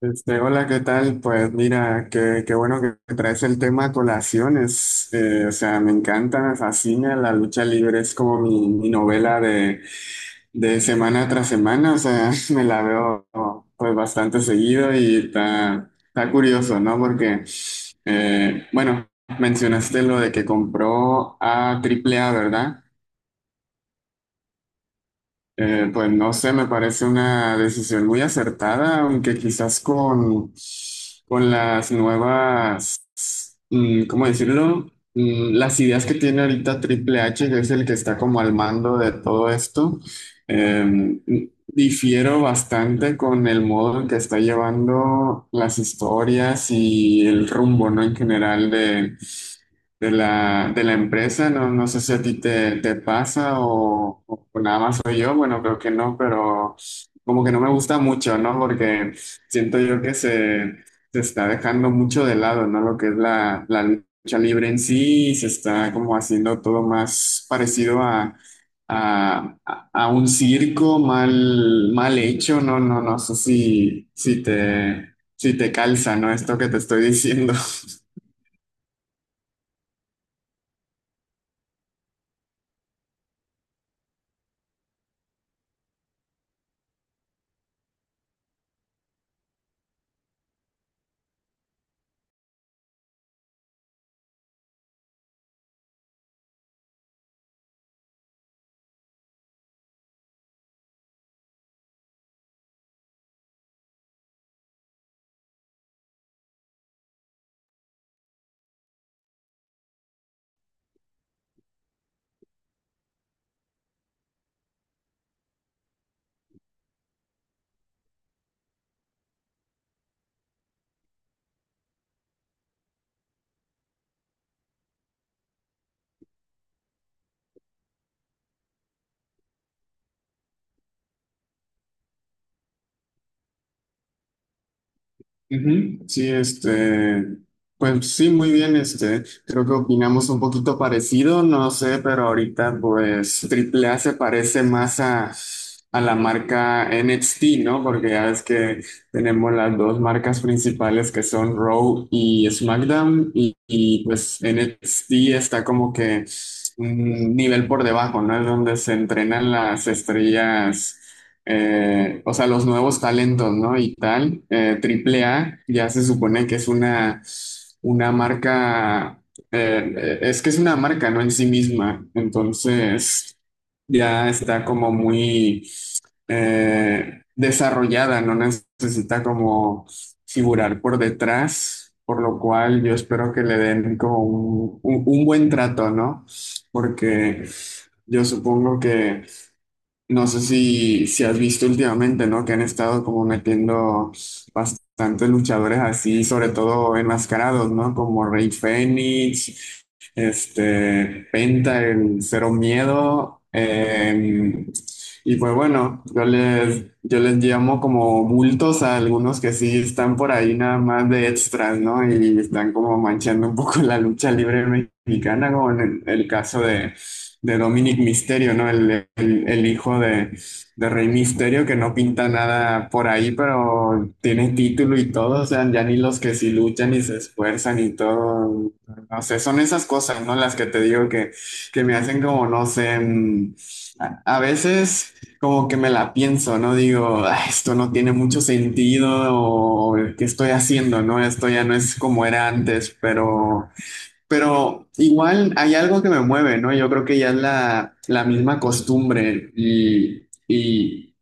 Hola, ¿qué tal? Pues mira, qué bueno que traes el tema a colaciones. O sea, me encanta, me fascina. La lucha libre es como mi novela de semana tras semana. O sea, me la veo pues bastante seguido y está curioso, ¿no? Porque, eh, bueno, mencionaste lo de que compró a Triple A, ¿verdad? Pues no sé, me parece una decisión muy acertada, aunque quizás con las nuevas ¿cómo decirlo? Las ideas que tiene ahorita Triple H, que es el que está como al mando de todo esto, em, difiero bastante con el modo en que está llevando las historias y el rumbo, ¿no? En general de la empresa. No sé si a ti te pasa o nada más soy yo. Bueno, creo que no, pero como que no me gusta mucho, ¿no? Porque siento yo que se está dejando mucho de lado, ¿no? Lo que es la lucha libre en sí, y se está como haciendo todo más parecido a un circo mal hecho. No sé si si te calza, ¿no? Esto que te estoy diciendo. Ujú. Sí, pues sí, muy bien, creo que opinamos un poquito parecido, no sé, pero ahorita pues Triple A se parece más a la marca NXT, ¿no? Porque ya ves que tenemos las dos marcas principales que son Raw y SmackDown pues NXT está como que un nivel por debajo, ¿no? Es donde se entrenan las estrellas o sea, los nuevos talentos, ¿no? Y tal. Triple A ya se supone que es una marca, es que es una marca, ¿no? En sí misma. Entonces, ya está como muy desarrollada, no necesita como figurar por detrás, por lo cual yo espero que le den como un buen trato, ¿no? Porque yo supongo que no sé si, si has visto últimamente, ¿no? Que han estado como metiendo bastantes luchadores así, sobre todo enmascarados, ¿no? Como Rey Fénix, Penta, el Cero Miedo. Y pues bueno, yo les llamo como bultos a algunos que sí están por ahí nada más de extras, ¿no? Y están como manchando un poco la lucha libre mexicana, como en el caso de Dominic Mysterio, ¿no? El hijo de Rey Mysterio que no pinta nada por ahí, pero tiene título y todo, o sea, ya ni los que sí luchan y se esfuerzan y todo, no sé, son esas cosas, ¿no? Las que te digo que me hacen como, no sé, a veces como que me la pienso, ¿no? Digo, "Ah, esto no tiene mucho sentido, o qué estoy haciendo, ¿no? Esto ya no es como era antes, pero igual hay algo que me mueve, ¿no? Yo creo que ya es la misma costumbre y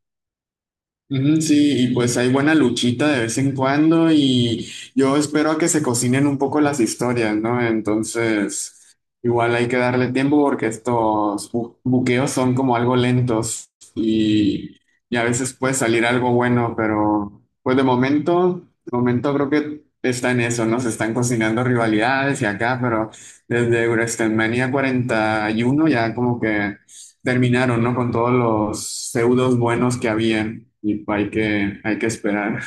Ujú. Sí, y pues hay buena luchita de vez en cuando y yo espero a que se cocinen un poco las historias, ¿no? Entonces, igual hay que darle tiempo porque estos buqueos son como algo lentos y a veces puede salir algo bueno, pero pues de momento creo que está en eso, ¿no? Se están cocinando rivalidades y acá, pero desde WrestleMania 41 ya como que terminaron, ¿no? Con todos los feudos buenos que había y hay que esperar.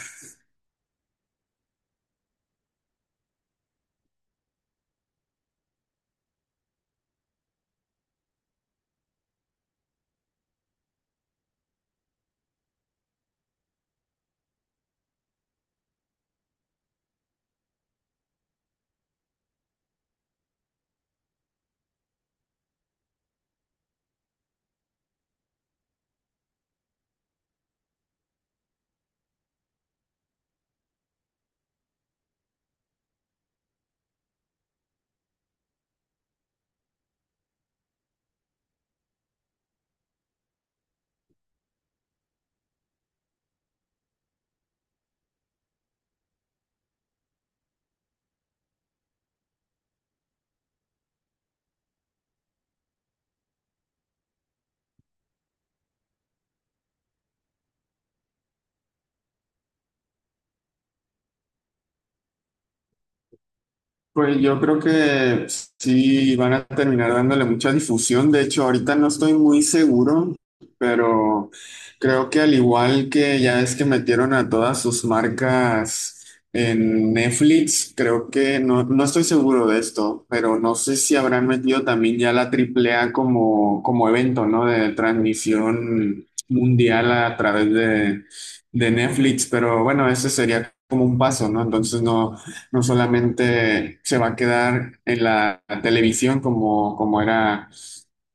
Pues yo creo que sí van a terminar dándole mucha difusión. De hecho, ahorita no estoy muy seguro, pero creo que al igual que ya es que metieron a todas sus marcas en Netflix, creo que no, no estoy seguro de esto, pero no sé si habrán metido también ya la Triple A como, como evento, ¿no? De transmisión mundial a través de Netflix, pero bueno, ese sería como un paso, ¿no? Entonces no solamente se va a quedar en la televisión como, como era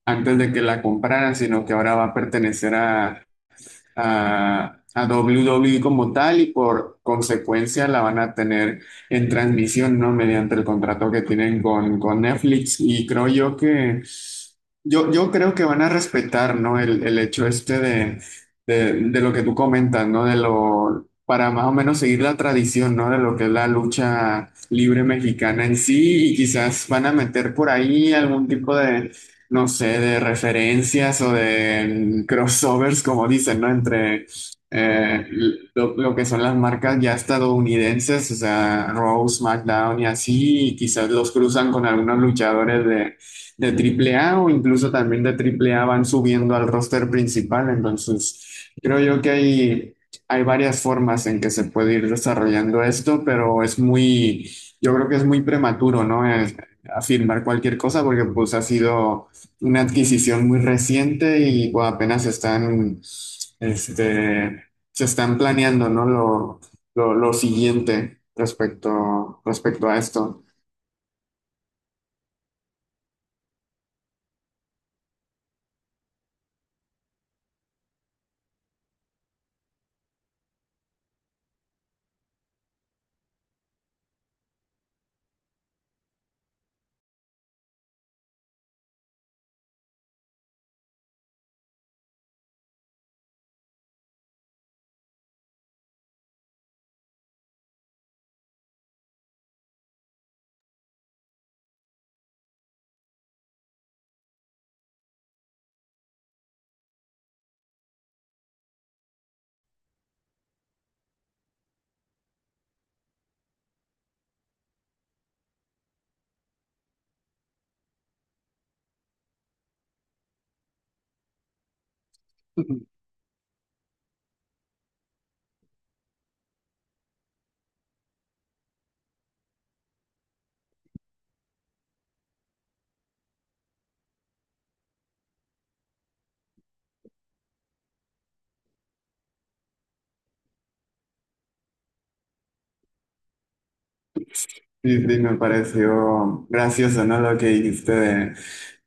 antes de que la compraran, sino que ahora va a pertenecer a WWE como tal y por consecuencia la van a tener en transmisión, ¿no? Mediante el contrato que tienen con Netflix y creo yo que yo creo que van a respetar, ¿no? El hecho este de lo que tú comentas, ¿no? De lo, para más o menos seguir la tradición, ¿no? De lo que es la lucha libre mexicana en sí y quizás van a meter por ahí algún tipo de no sé, de referencias o de crossovers, como dicen, ¿no? Entre eh, lo que son las marcas ya estadounidenses, o sea, Raw, SmackDown y así, y quizás los cruzan con algunos luchadores de Triple A o incluso también de Triple A van subiendo al roster principal, entonces creo yo que hay... Hay varias formas en que se puede ir desarrollando esto, pero es muy, yo creo que es muy prematuro, ¿no? Afirmar cualquier cosa porque pues ha sido una adquisición muy reciente y bueno, apenas están, este, se están planeando, ¿no? Lo siguiente respecto a esto. Sí, sí, me pareció gracioso, ¿no? Lo que dijiste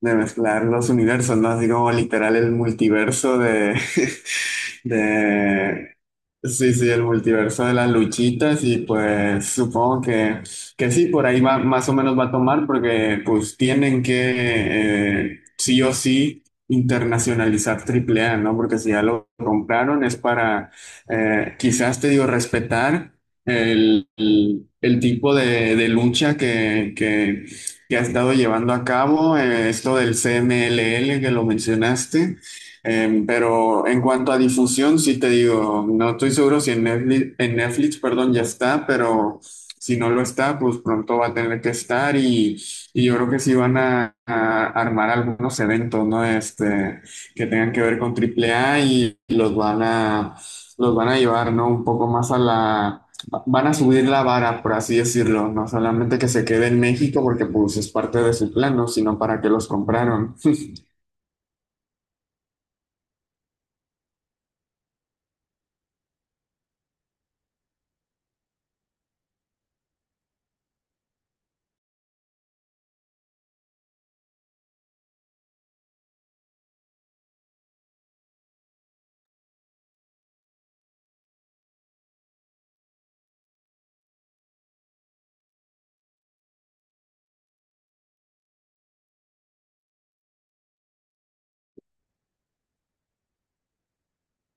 de mezclar los universos, ¿no? Así como literal el multiverso de, sí, sí, el multiverso de las luchitas y pues supongo que sí, por ahí va, más o menos va a tomar porque pues tienen que sí o sí internacionalizar Triple A ¿no? Porque si ya lo compraron es para, quizás te digo, respetar el tipo de lucha que ha estado llevando a cabo, esto del CMLL que lo mencionaste. Pero en cuanto a difusión, sí te digo, no estoy seguro si en Netflix, en Netflix, perdón, ya está, pero si no lo está, pues pronto va a tener que estar y yo creo que sí van a armar algunos eventos, ¿no? Este, que tengan que ver con AAA y los van a llevar, ¿no? Un poco más a la Van a subir la vara, por así decirlo, no solamente que se quede en México porque pues es parte de su plano, sino para que los compraron.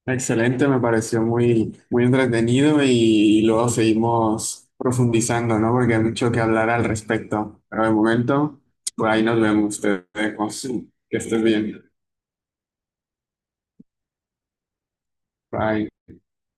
Excelente, me pareció muy, muy entretenido y, luego seguimos profundizando, ¿no? Porque hay mucho que hablar al respecto. Pero de momento, por ahí nos vemos, te dejo. Que estés bien. Bye.